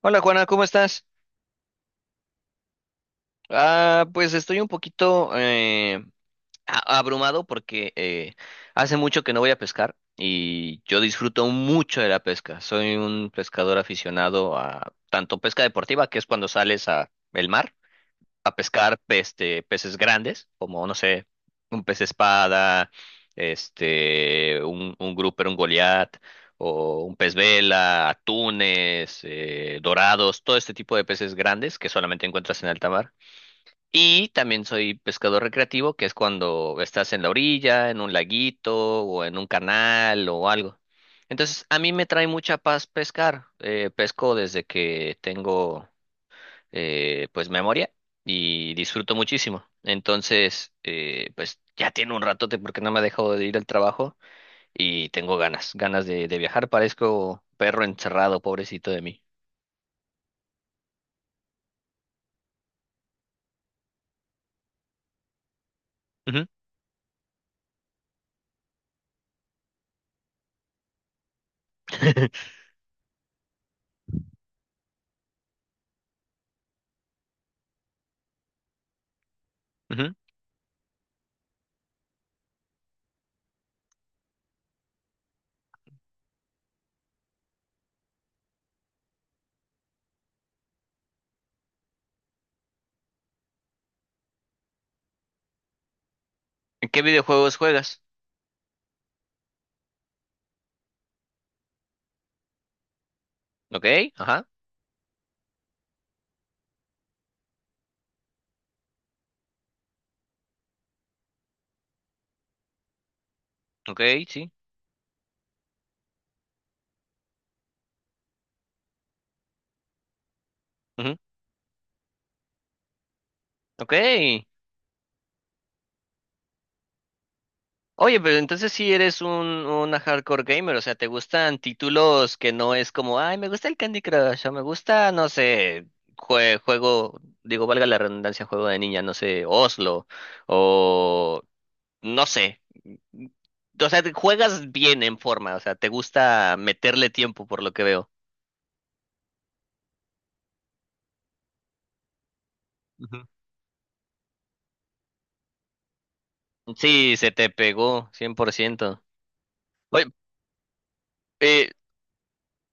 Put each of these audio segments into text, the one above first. Hola Juana, ¿cómo estás? Ah, pues estoy un poquito abrumado porque hace mucho que no voy a pescar y yo disfruto mucho de la pesca. Soy un pescador aficionado a tanto pesca deportiva, que es cuando sales a el mar, a pescar peces grandes, como, no sé, un pez espada, un grouper, un goliat, o un pez vela, atunes, dorados, todo este tipo de peces grandes que solamente encuentras en alta mar. Y también soy pescador recreativo, que es cuando estás en la orilla, en un laguito, o en un canal, o algo. Entonces, a mí me trae mucha paz pescar. Pesco desde que tengo pues memoria y disfruto muchísimo. Entonces, pues ya tiene un ratote porque no me ha dejado de ir al trabajo y tengo ganas, ganas de viajar. Parezco perro encerrado, pobrecito de mí. Ujú, ujú. ¿En qué videojuegos juegas? Ok, ajá, ok, sí, ujú, ok. Oye, pero entonces sí eres un hardcore gamer, o sea, ¿te gustan títulos que no es como, ay, me gusta el Candy Crush, o me gusta, no sé, juego, digo, valga la redundancia, juego de niña, no sé, Oslo, o no sé, o sea, juegas bien en forma, o sea, te gusta meterle tiempo por lo que veo. Ujú. Sí, se te pegó, 100%. Oye, eh,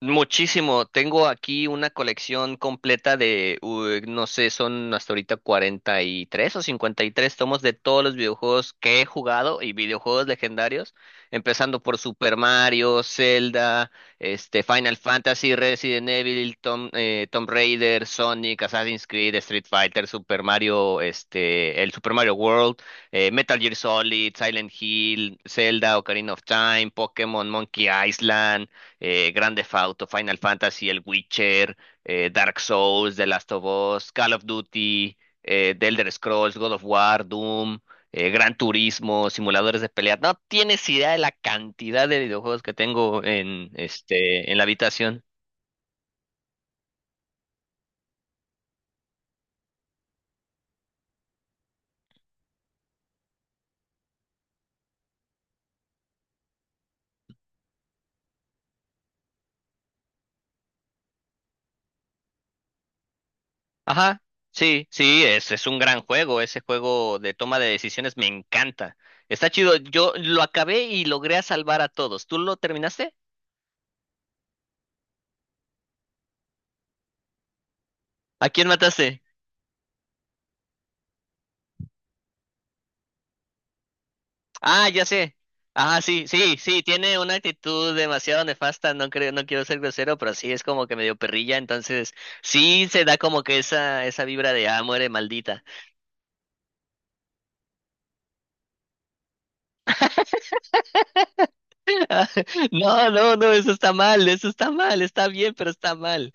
muchísimo. Tengo aquí una colección completa de, no sé, son hasta ahorita 43 o 53 tomos de todos los videojuegos que he jugado y videojuegos legendarios, empezando por Super Mario, Zelda, Final Fantasy, Resident Evil, Tom, Tomb Raider, Sonic, Assassin's Creed, Street Fighter, Super Mario, el Super Mario World, Metal Gear Solid, Silent Hill, Zelda, Ocarina of Time, Pokémon, Monkey Island, Grand Theft Auto, Final Fantasy, El Witcher, Dark Souls, The Last of Us, Call of Duty, The Elder Scrolls, God of War, Doom, Gran Turismo, simuladores de pelea. No tienes idea de la cantidad de videojuegos que tengo en, en la habitación. Ajá, sí, sí, es un gran juego. Ese juego de toma de decisiones me encanta. Está chido. Yo lo acabé y logré a salvar a todos. ¿Tú lo terminaste? ¿A quién mataste? Ah, ya sé. Ah, sí, sí, sí, tiene una actitud demasiado nefasta, no creo, no quiero ser grosero, pero sí es como que medio perrilla, entonces sí se da como que esa vibra de ah, muere maldita. No, no, no, eso está mal, está bien, pero está mal.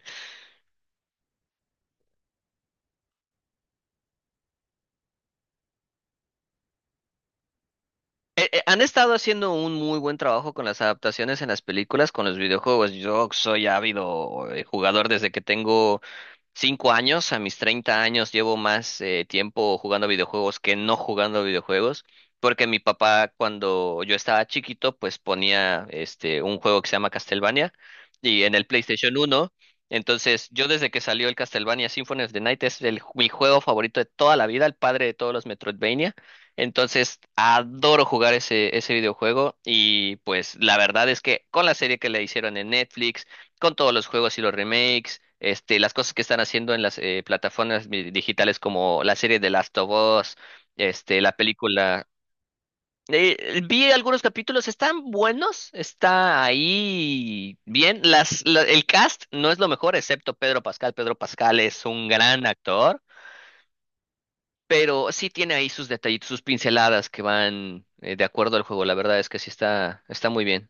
Han estado haciendo un muy buen trabajo con las adaptaciones en las películas, con los videojuegos. Yo soy ávido jugador desde que tengo 5 años, a mis 30 años, llevo más tiempo jugando videojuegos que no jugando videojuegos, porque mi papá cuando yo estaba chiquito, pues ponía un juego que se llama Castlevania y en el PlayStation uno. Entonces, yo desde que salió el Castlevania Symphony of the Night es el, mi juego favorito de toda la vida, el padre de todos los Metroidvania. Entonces, adoro jugar ese videojuego y pues la verdad es que con la serie que le hicieron en Netflix, con todos los juegos y los remakes, las cosas que están haciendo en las plataformas digitales como la serie de Last of Us, la película. Vi algunos capítulos, están buenos, está ahí bien. El cast no es lo mejor, excepto Pedro Pascal. Pedro Pascal es un gran actor, pero sí tiene ahí sus detallitos, sus pinceladas que van de acuerdo al juego. La verdad es que sí está, está muy bien.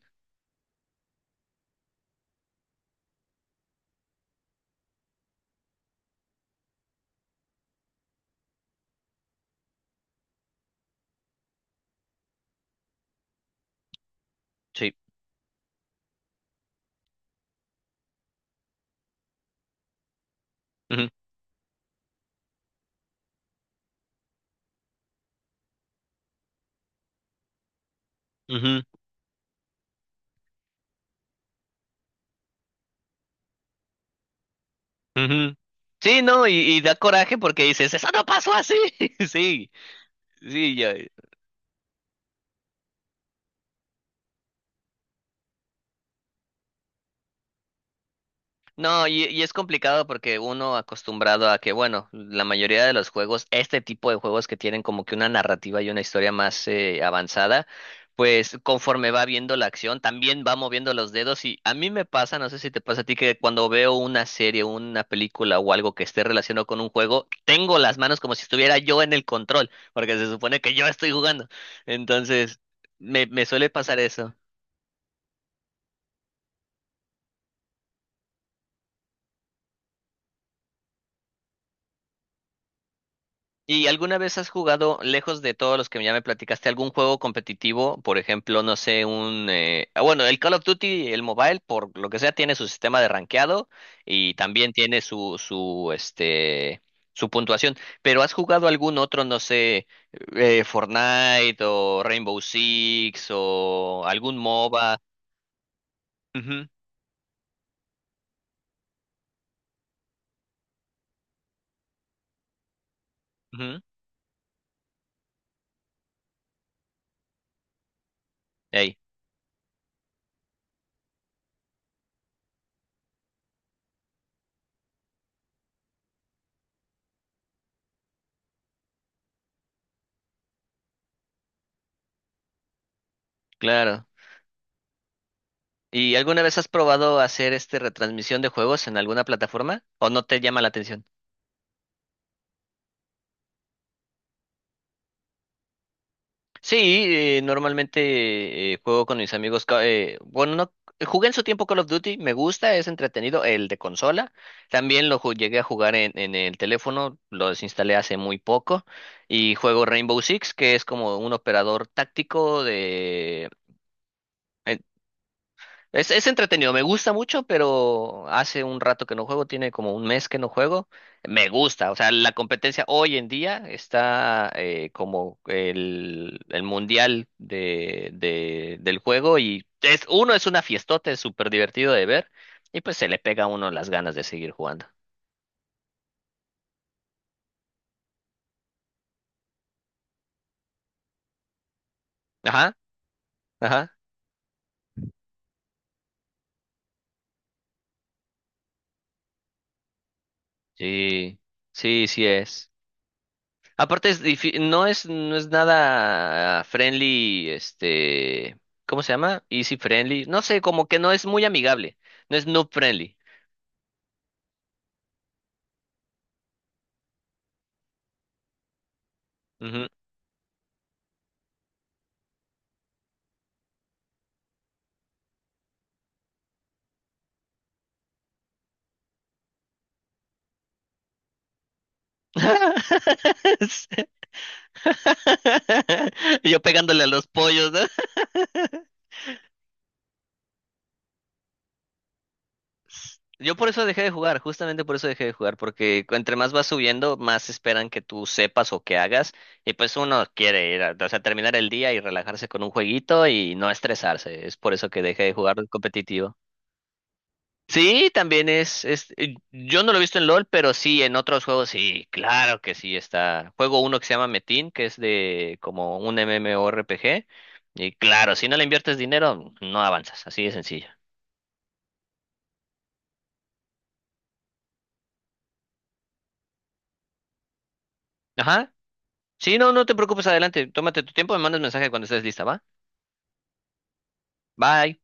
Sí. Ujú, ujú. Ujú. Sí, no, y da coraje porque dices, eso no pasó así. Sí, sí, ya. No, y es complicado porque uno acostumbrado a que, bueno, la mayoría de los juegos, este tipo de juegos que tienen como que una narrativa y una historia más avanzada, pues conforme va viendo la acción, también va moviendo los dedos y a mí me pasa, no sé si te pasa a ti, que cuando veo una serie, una película o algo que esté relacionado con un juego, tengo las manos como si estuviera yo en el control, porque se supone que yo estoy jugando. Entonces, me suele pasar eso. ¿Y alguna vez has jugado, lejos de todos los que ya me platicaste, algún juego competitivo? Por ejemplo, no sé, un... bueno, el Call of Duty, el mobile, por lo que sea, tiene su sistema de rankeado y también tiene su puntuación. Pero ¿has jugado algún otro, no sé, Fortnite o Rainbow Six o algún MOBA? Ujú, ujú. Ey, claro. ¿Y alguna vez has probado hacer retransmisión de juegos en alguna plataforma? ¿O no te llama la atención? Sí, normalmente juego con mis amigos. Bueno, no, jugué en su tiempo Call of Duty, me gusta, es entretenido. El de consola, también llegué a jugar en el teléfono, lo desinstalé hace muy poco. Y juego Rainbow Six, que es como un operador táctico de, eh, es entretenido, me gusta mucho, pero hace un rato que no juego, tiene como un mes que no juego. Me gusta, o sea, la competencia hoy en día está como el mundial del juego y es, uno es una fiestota, es súper divertido de ver y pues se le pega a uno las ganas de seguir jugando. Ajá, ajá. Sí, sí, sí es. Aparte es no es nada friendly, ¿cómo se llama? Easy friendly, no sé, como que no es muy amigable, no es noob friendly. Ujú. Yo pegándole a los pollos, ¿no? Yo por eso dejé de jugar, justamente por eso dejé de jugar, porque entre más vas subiendo, más esperan que tú sepas o que hagas, y pues uno quiere ir a, o sea, terminar el día y relajarse con un jueguito y no estresarse, es por eso que dejé de jugar competitivo. Sí, también es, yo no lo he visto en LOL, pero sí, en otros juegos sí, claro que sí está. Juego uno que se llama Metin, que es de como un MMORPG, y claro, si no le inviertes dinero, no avanzas, así de sencillo. Ajá, sí, no, no te preocupes, adelante, tómate tu tiempo, me mandas mensaje cuando estés lista, ¿va? Bye.